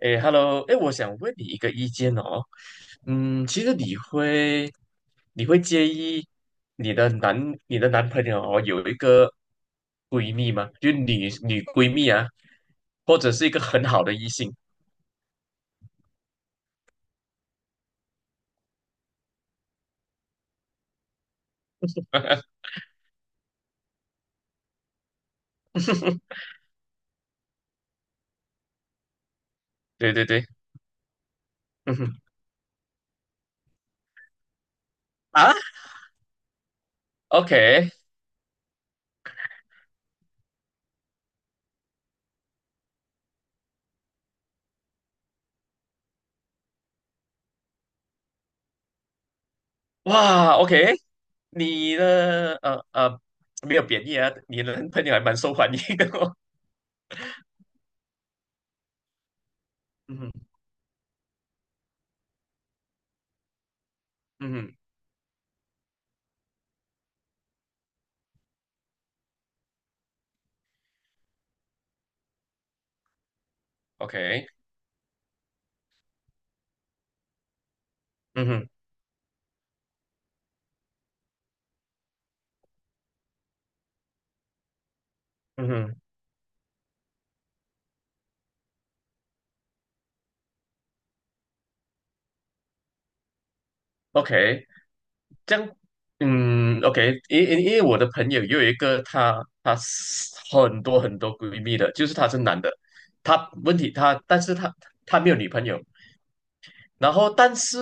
哎 hello 哎，我想问你一个意见哦。嗯，其实你会介意你的男朋友哦有一个闺蜜吗？就女闺蜜啊，或者是一个很好的异性？对对对，嗯哼啊，OK，哇，OK，你的没有贬义啊，你的男朋友还蛮受欢迎的哦。嗯哼，嗯哼，OK，嗯哼，嗯哼，OK。这样，嗯，OK，因为我的朋友也有一个她，她是很多很多闺蜜的，就是她是男的，她问题她，但是她没有女朋友，然后但是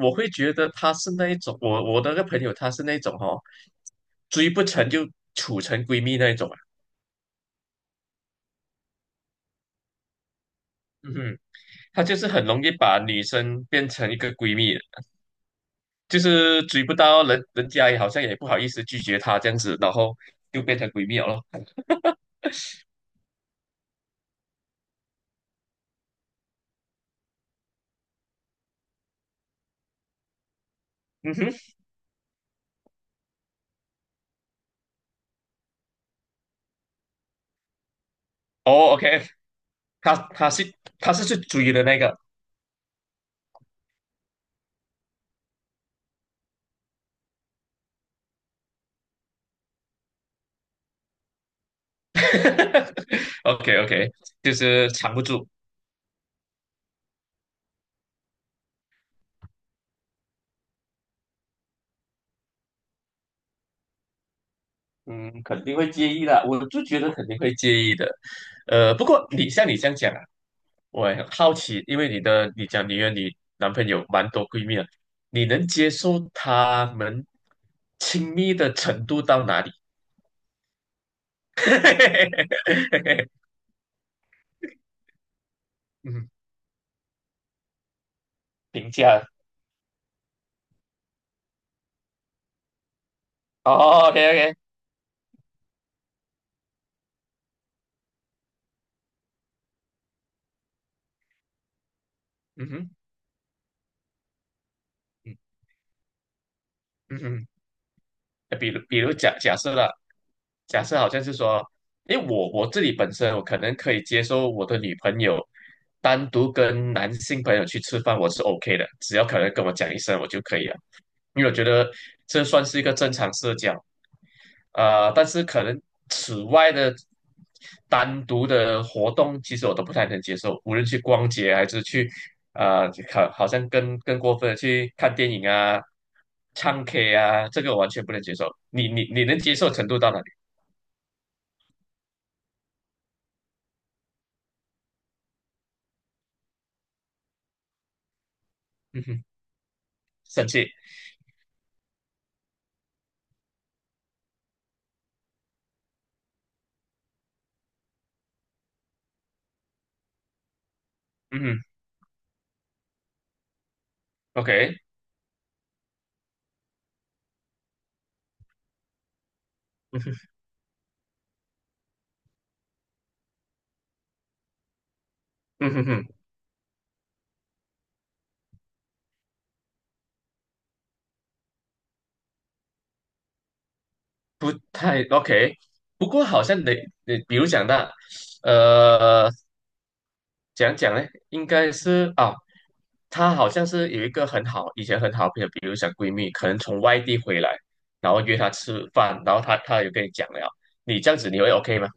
我会觉得她是那一种，我的那个朋友她是那种哦，追不成就处成闺蜜那一种啊，嗯哼，她就是很容易把女生变成一个闺蜜，就是追不到人，人家也好像也不好意思拒绝她这样子，然后就变成闺蜜了咯，嗯哼。哦，OK，他他是他是去追的那个 ，OK OK，就是藏不住，嗯，肯定会介意的，我就觉得肯定会介意的，不过你像你这样讲啊，我也很好奇，因为你讲你和你男朋友蛮多闺蜜啊，你能接受他们亲密的程度到哪里？嗯，评价哦，OK OK，嗯哼，嗯嗯哼。比如假设了，假设好像是说，因为我自己本身我可能可以接受我的女朋友单独跟男性朋友去吃饭，我是 OK 的，只要可能跟我讲一声我就可以了，因为我觉得这算是一个正常社交。但是可能此外的单独的活动，其实我都不太能接受，无论去逛街还是去，好像更过分的去看电影啊、唱 K 啊，这个我完全不能接受。你能接受程度到哪里？嗯哼，生气，嗯哼，OK，嗯哼，嗯哼哼，不太 OK。不过好像得，你比如讲到，呃。讲讲呢，应该是啊，她好像是有一个很好，以前很好的朋友，比如讲闺蜜，可能从外地回来，然后约她吃饭，然后她有跟你讲了，你这样子你会 OK 吗？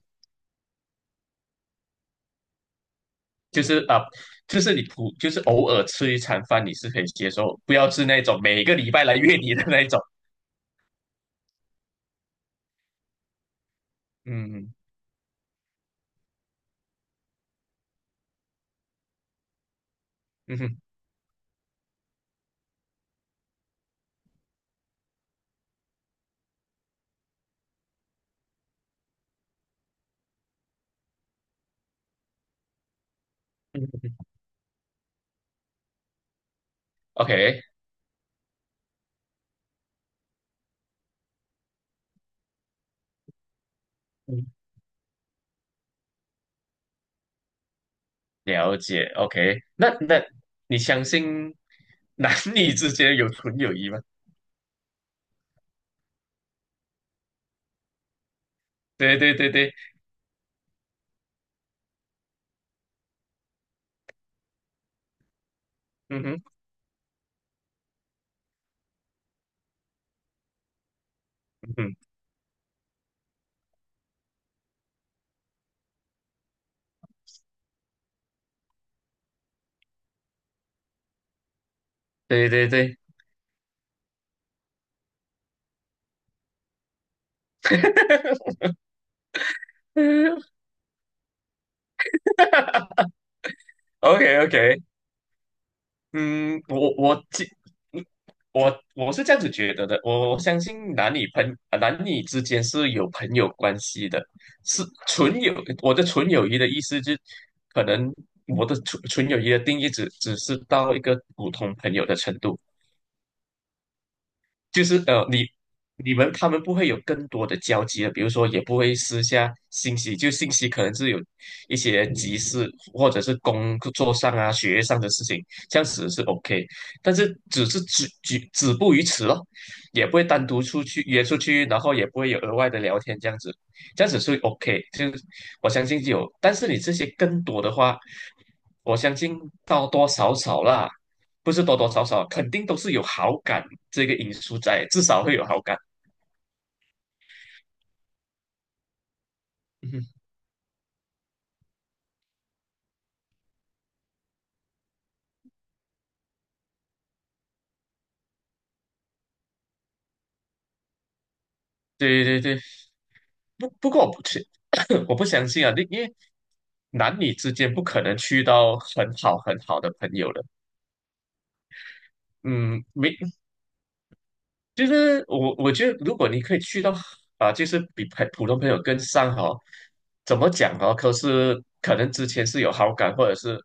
就是啊，就是就是偶尔吃一餐饭，你是可以接受，不要是那种每个礼拜来约你的那一种。嗯嗯哼嗯哼，OK，嗯了解 OK，那你相信男女之间有纯友谊吗？对对对对，嗯哼嗯哼。对对对，哈哈 OK OK，嗯，我我记，嗯我是这样子觉得的，我相信男女之间是有朋友关系的，是纯友。我的纯友谊的意思就可能我的纯友谊的定义只是到一个普通朋友的程度。就是你你们他们不会有更多的交集了，比如说也不会私下信息，就信息可能是有一些急事或者是工作上啊、学业上的事情，这样子是 OK，但是只是止步于此咯，也不会单独出去约出去，然后也不会有额外的聊天这样子，这样子是 OK，就我相信有，但是你这些更多的话，我相信多多少少啦，不是多多少少，肯定都是有好感这个因素在，至少会有好感。嗯哼对对对，不过我不去，我不相信啊，因为男女之间不可能去到很好很好的朋友的，嗯，没就是我觉得如果你可以去到啊，就是比普通朋友更上哈，怎么讲哦？可是可能之前是有好感，或者是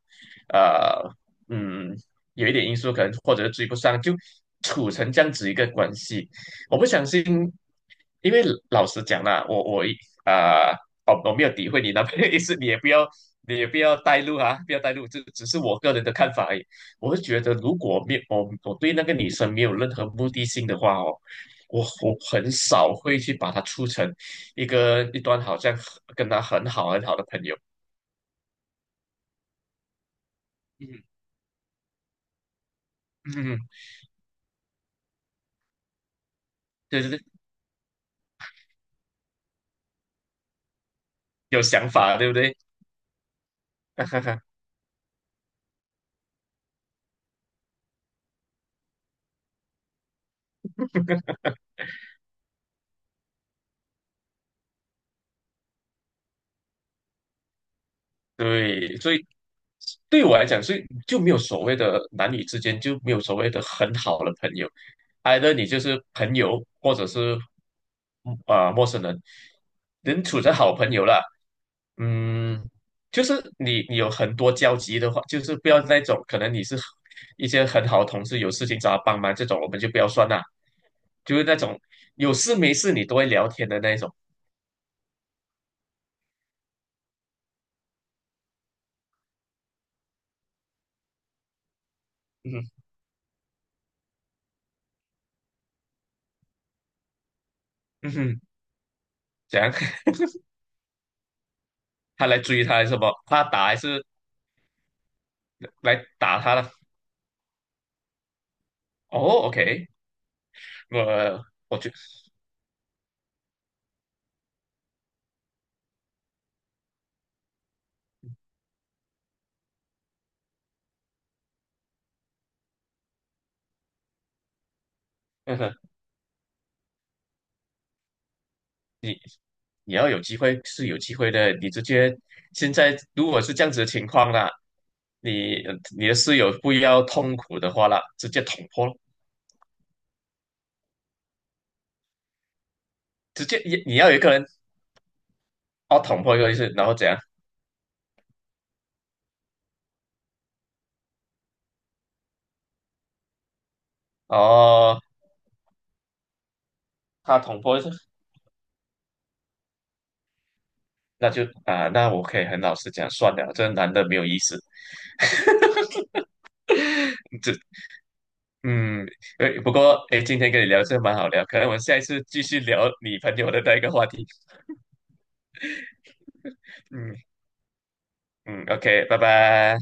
呃，嗯，有一点因素，可能或者是追不上，就处成这样子一个关系。我不相信，因为老实讲啦，我我一啊、哦，我没有诋毁你男朋友意思，你也不要带路啊，不要带路，这只是我个人的看法而已。我是觉得，如果没有我对那个女生没有任何目的性的话哦，我很少会去把她处成一段好像跟她很好很好的朋友。嗯嗯，嗯就是有想法，对不对？对，所以对我来讲，所以就没有所谓的男女之间就没有所谓的很好的朋友 e i 你就是朋友，或者是啊、陌生人，能处成好朋友了。嗯，就是你有很多交集的话，就是不要那种可能你是一些很好的同事，有事情找他帮忙这种，我们就不要算啦。就是那种有事没事你都会聊天的那一种。嗯哼嗯哼，怎样？他来追他还是什么？他打还是来打他了。哦，OK，我觉得 你要有机会是有机会的。你直接现在如果是这样子的情况啦，你你的室友不要痛苦的话啦，直接捅破咯，直接你要有一个人哦捅破一个意思，然后怎样？哦，他捅破一次，那就啊、那我可以很老实讲，算了，这个男的没有意思。这嗯，诶不过哎，诶今天跟你聊这蛮好聊，可能我们下一次继续聊你朋友的那一个话题。嗯。嗯，OK，拜拜。